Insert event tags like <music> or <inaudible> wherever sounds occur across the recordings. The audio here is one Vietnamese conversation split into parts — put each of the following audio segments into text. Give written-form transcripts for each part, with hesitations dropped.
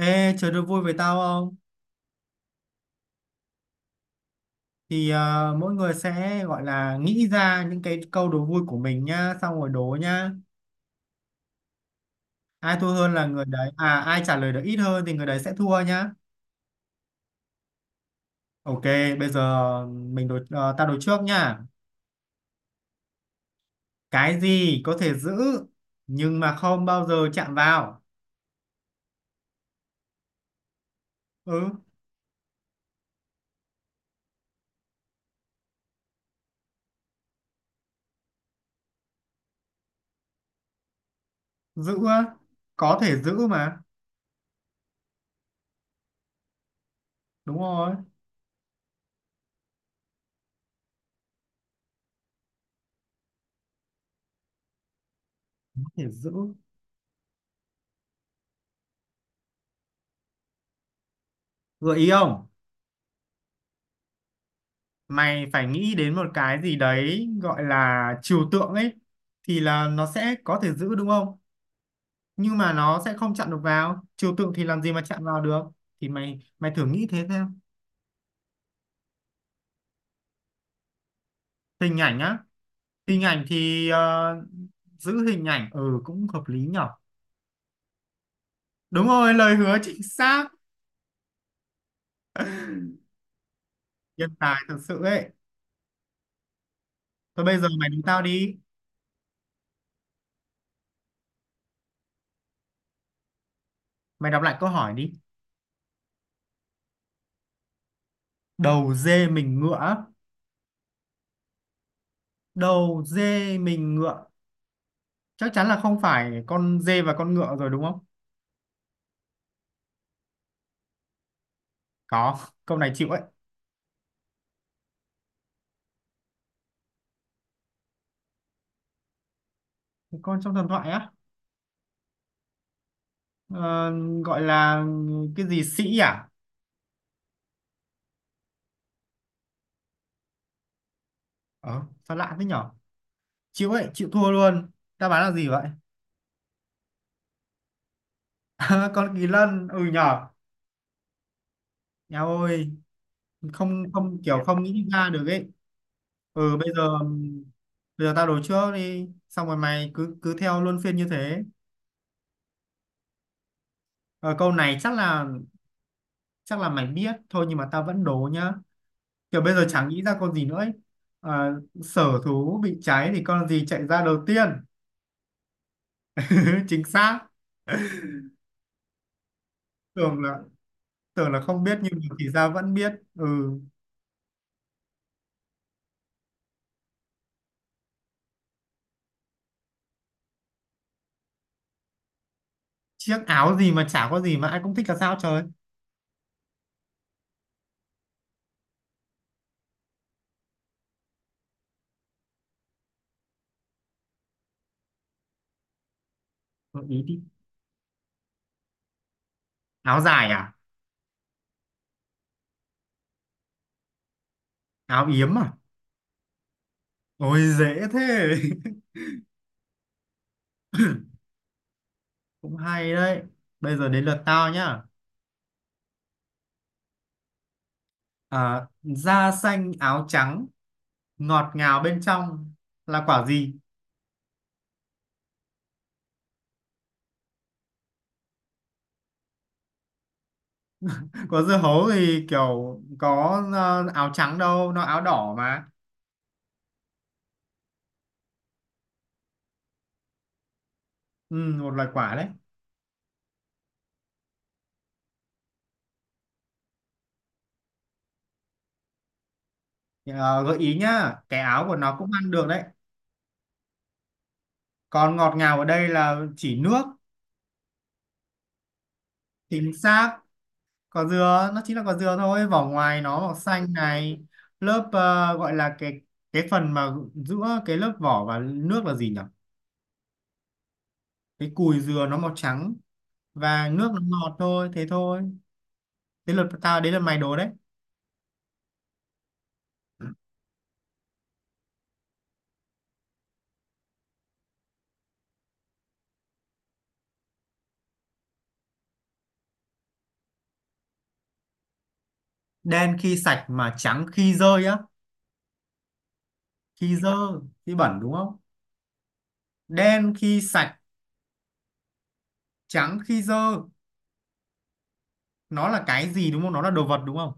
Ê, chơi đố vui với tao không? Thì à, mỗi người sẽ gọi là nghĩ ra những cái câu đố vui của mình nhá, xong rồi đố nhá. Ai thua hơn là người đấy, à ai trả lời được ít hơn thì người đấy sẽ thua nhá. Ok, bây giờ mình đố, tao đố trước nhá. Cái gì có thể giữ nhưng mà không bao giờ chạm vào? Ừ, giữ á, có thể giữ mà, đúng rồi, có thể giữ. Gợi ý không? Mày phải nghĩ đến một cái gì đấy gọi là trừu tượng ấy, thì là nó sẽ có thể giữ đúng không, nhưng mà nó sẽ không chặn được vào, trừu tượng thì làm gì mà chặn vào được. Thì mày mày thử nghĩ thế xem. Hình ảnh á, hình ảnh thì giữ hình ảnh, ừ cũng hợp lý nhở. Đúng rồi, lời hứa, chính xác. Nhân tài thật sự ấy. Thôi bây giờ mày đứng tao đi. Mày đọc lại câu hỏi đi. Đầu dê mình ngựa á. Đầu dê mình ngựa, chắc chắn là không phải con dê và con ngựa rồi đúng không. Có, câu này chịu ấy. Con trong thần thoại á. Ờ, gọi là cái gì sĩ à. ờ Sao lạ thế nhở. Chịu ấy, chịu thua luôn. Đáp án là gì vậy. <laughs> Con kỳ lân, ừ nhở. Eo ơi. Không, không, kiểu không nghĩ ra được ấy. Ừ, bây giờ tao đố trước đi, xong rồi mày cứ cứ theo luân phiên như thế. Ờ, câu này chắc là mày biết thôi, nhưng mà tao vẫn đố nhá. Kiểu bây giờ chẳng nghĩ ra con gì nữa ấy. Sở thú bị cháy thì con gì chạy ra đầu tiên. <laughs> Chính xác. Tưởng là tưởng là không biết nhưng mà thì ra vẫn biết, ừ. Chiếc áo gì mà chả có gì mà ai cũng thích là sao trời. Gợi ý đi. Áo dài à? Áo yếm à? Ôi dễ thế. <laughs> Cũng hay đấy. Bây giờ đến lượt tao nhá. À, da xanh áo trắng, ngọt ngào bên trong, là quả gì? <laughs> Có dưa hấu thì kiểu có áo trắng đâu, nó áo đỏ mà. Ừ, một loài quả đấy. Ờ, gợi ý nhá, cái áo của nó cũng ăn được đấy. Còn ngọt ngào ở đây là chỉ nước. Chính xác. Quả dừa nó chính là quả dừa thôi, vỏ ngoài nó màu xanh này. Lớp gọi là cái phần mà giữa cái lớp vỏ và nước là gì nhỉ. Cái cùi dừa nó màu trắng, và nước nó ngọt thôi, thế thôi. Thế lượt tao đấy, là mày đố đấy. Đen khi sạch mà trắng khi rơi á. Khi dơ, khi bẩn đúng không. Đen khi sạch, trắng khi dơ. Nó là cái gì đúng không, nó là đồ vật đúng không.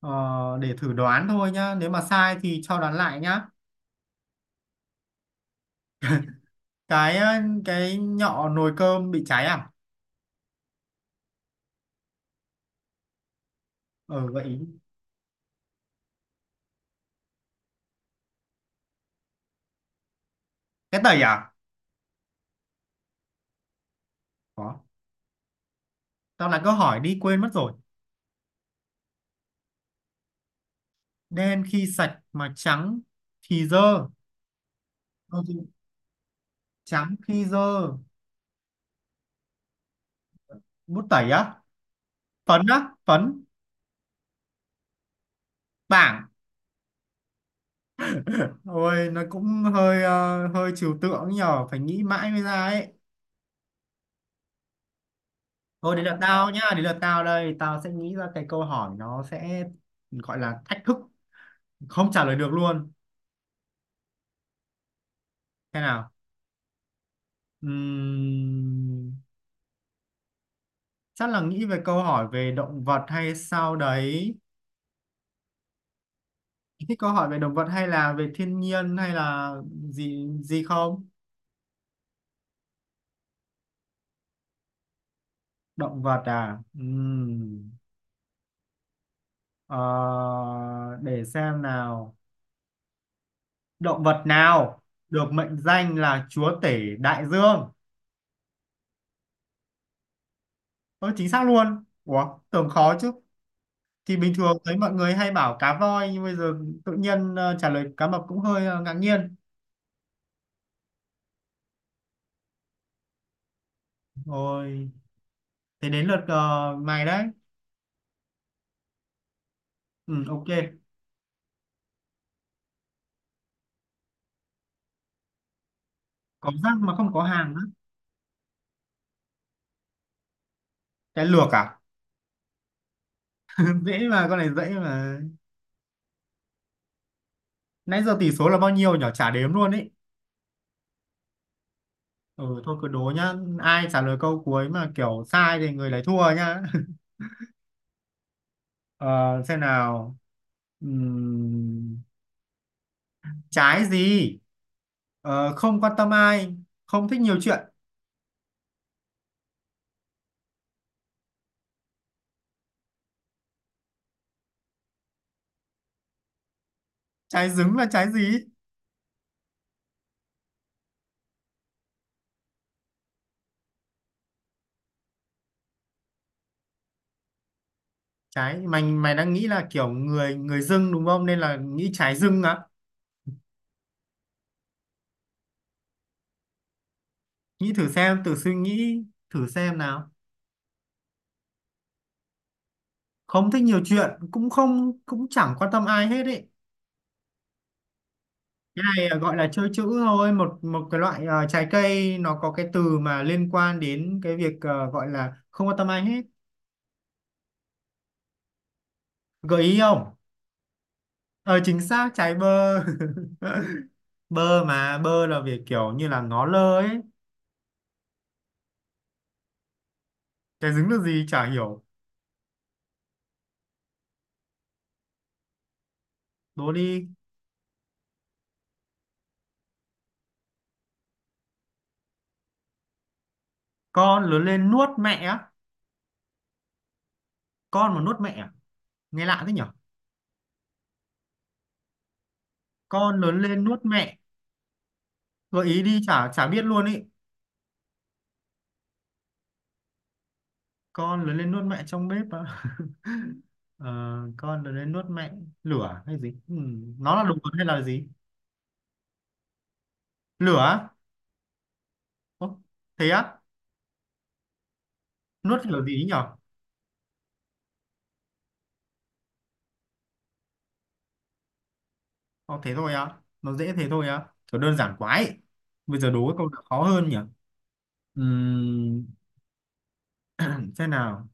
Ờ, để thử đoán thôi nhá, nếu mà sai thì cho đoán lại nhá. Cái ờ, cái nhọ nồi cơm bị cháy à? Ờ vậy. Cái tẩy à? Có. Tao lại có hỏi đi quên mất rồi. Đen khi sạch mà trắng thì dơ. Ờ, thì Trắng khi dơ. Bút tẩy á? Phấn á? Phấn. Bảng. Ôi nó cũng hơi trừu tượng nhờ. Phải nghĩ mãi mới ra ấy. Thôi đấy là tao nhá. Đấy là tao đây. Tao sẽ nghĩ ra cái câu hỏi nó sẽ gọi là thách thức. Không trả lời được luôn. Thế nào? Ừm, chắc là nghĩ về câu hỏi về động vật hay sao đấy. Thích câu hỏi về động vật hay là về thiên nhiên hay là gì gì không? Động vật à? Ờ, để xem nào. Động vật nào được mệnh danh là chúa tể đại dương? Ơ chính xác luôn. Ủa, tưởng khó chứ. Thì bình thường thấy mọi người hay bảo cá voi, nhưng bây giờ tự nhiên trả lời cá mập cũng hơi ngạc nhiên. Rồi, thế đến lượt mày đấy. Ừ, ok. Có răng mà không có hàm á. Cái lược à? <laughs> Dễ mà, con này dễ mà. Nãy giờ tỷ số là bao nhiêu nhỉ? Chả đếm luôn ý. Ừ thôi cứ đố nhá. Ai trả lời câu cuối mà kiểu sai thì người đấy thua nhá. <laughs> Ờ, xem nào. Ừm, trái gì? Không quan tâm ai, không thích nhiều chuyện. Trái dứng là trái gì? Trái mày mày đang nghĩ là kiểu người người dưng đúng không? Nên là nghĩ trái dưng á. Nghĩ thử xem, thử suy nghĩ thử xem nào. Không thích nhiều chuyện, cũng không, cũng chẳng quan tâm ai hết ý. Cái này là gọi là chơi chữ thôi, một một cái loại trái cây nó có cái từ mà liên quan đến cái việc gọi là không quan tâm ai hết. Gợi ý không? Ờ chính xác, trái bơ. <laughs> Bơ mà, bơ là việc kiểu như là ngó lơ ấy. Cái dính được gì chả hiểu. Đố đi. Con lớn lên nuốt mẹ á. Con mà nuốt mẹ à? Nghe lạ thế nhở. Con lớn lên nuốt mẹ. Gợi ý đi, chả chả biết luôn ý. Con lớn lên nuốt mẹ trong bếp á. Ờ, con lớn lên nuốt mẹ, lửa hay gì nó là đồ vật hay là gì. Lửa. Ồ, thế á. Nuốt lửa gì ấy nhở. Ồ, thế thôi á, nó dễ thế thôi á, kiểu đơn giản quá ấy. Bây giờ đố cái câu nào khó hơn nhỉ. Ừm, xem nào.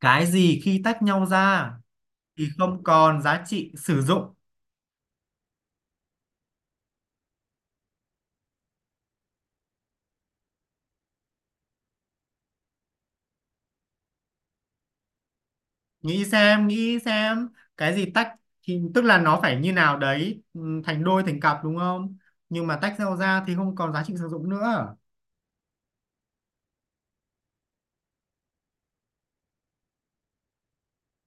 Cái gì khi tách nhau ra thì không còn giá trị sử dụng. Nghĩ xem, nghĩ xem. Cái gì tách thì tức là nó phải như nào đấy, thành đôi thành cặp đúng không. Nhưng mà tách nhau ra thì không còn giá trị sử dụng nữa.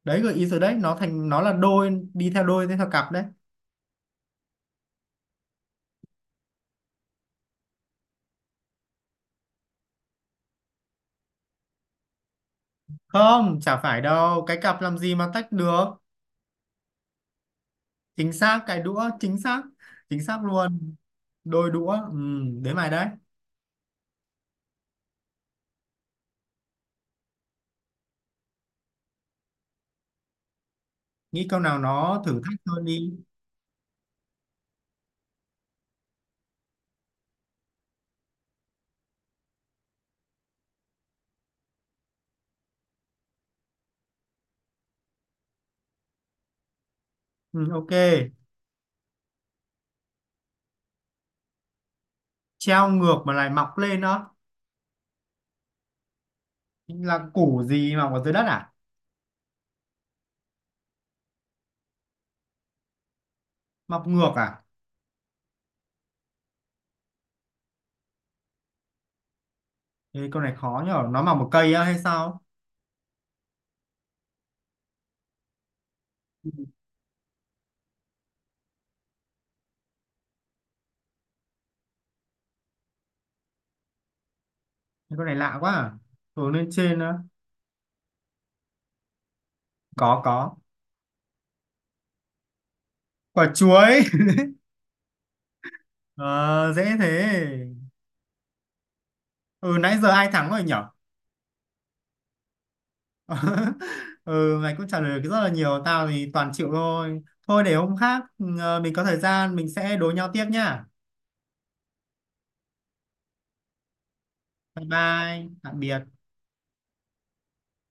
Đấy gợi ý rồi đấy, nó thành nó là đôi, đi theo đôi đi theo cặp đấy. Không, chả phải đâu, cái cặp làm gì mà tách được. Chính xác, cái đũa, chính xác. Chính xác luôn. Đôi đũa, ừ, đến mày đấy. Nghĩ câu nào nó thử thách hơn đi. Ừ, ok. Treo ngược mà lại mọc lên đó. Là củ gì mọc ở dưới đất à? Mọc ngược à? Ê, câu này khó nhở, nó mọc một cây á hay sao. Câu này lạ quá à. Hướng lên trên á. Có, có. Quả chuối. <laughs> Ờ, dễ thế. Ừ nãy giờ ai thắng rồi nhở. <laughs> Ừ mày cũng trả lời được rất là nhiều, tao thì toàn chịu thôi. Thôi để hôm khác, mình có thời gian mình sẽ đối nhau tiếp nhá. Bye bye, tạm biệt.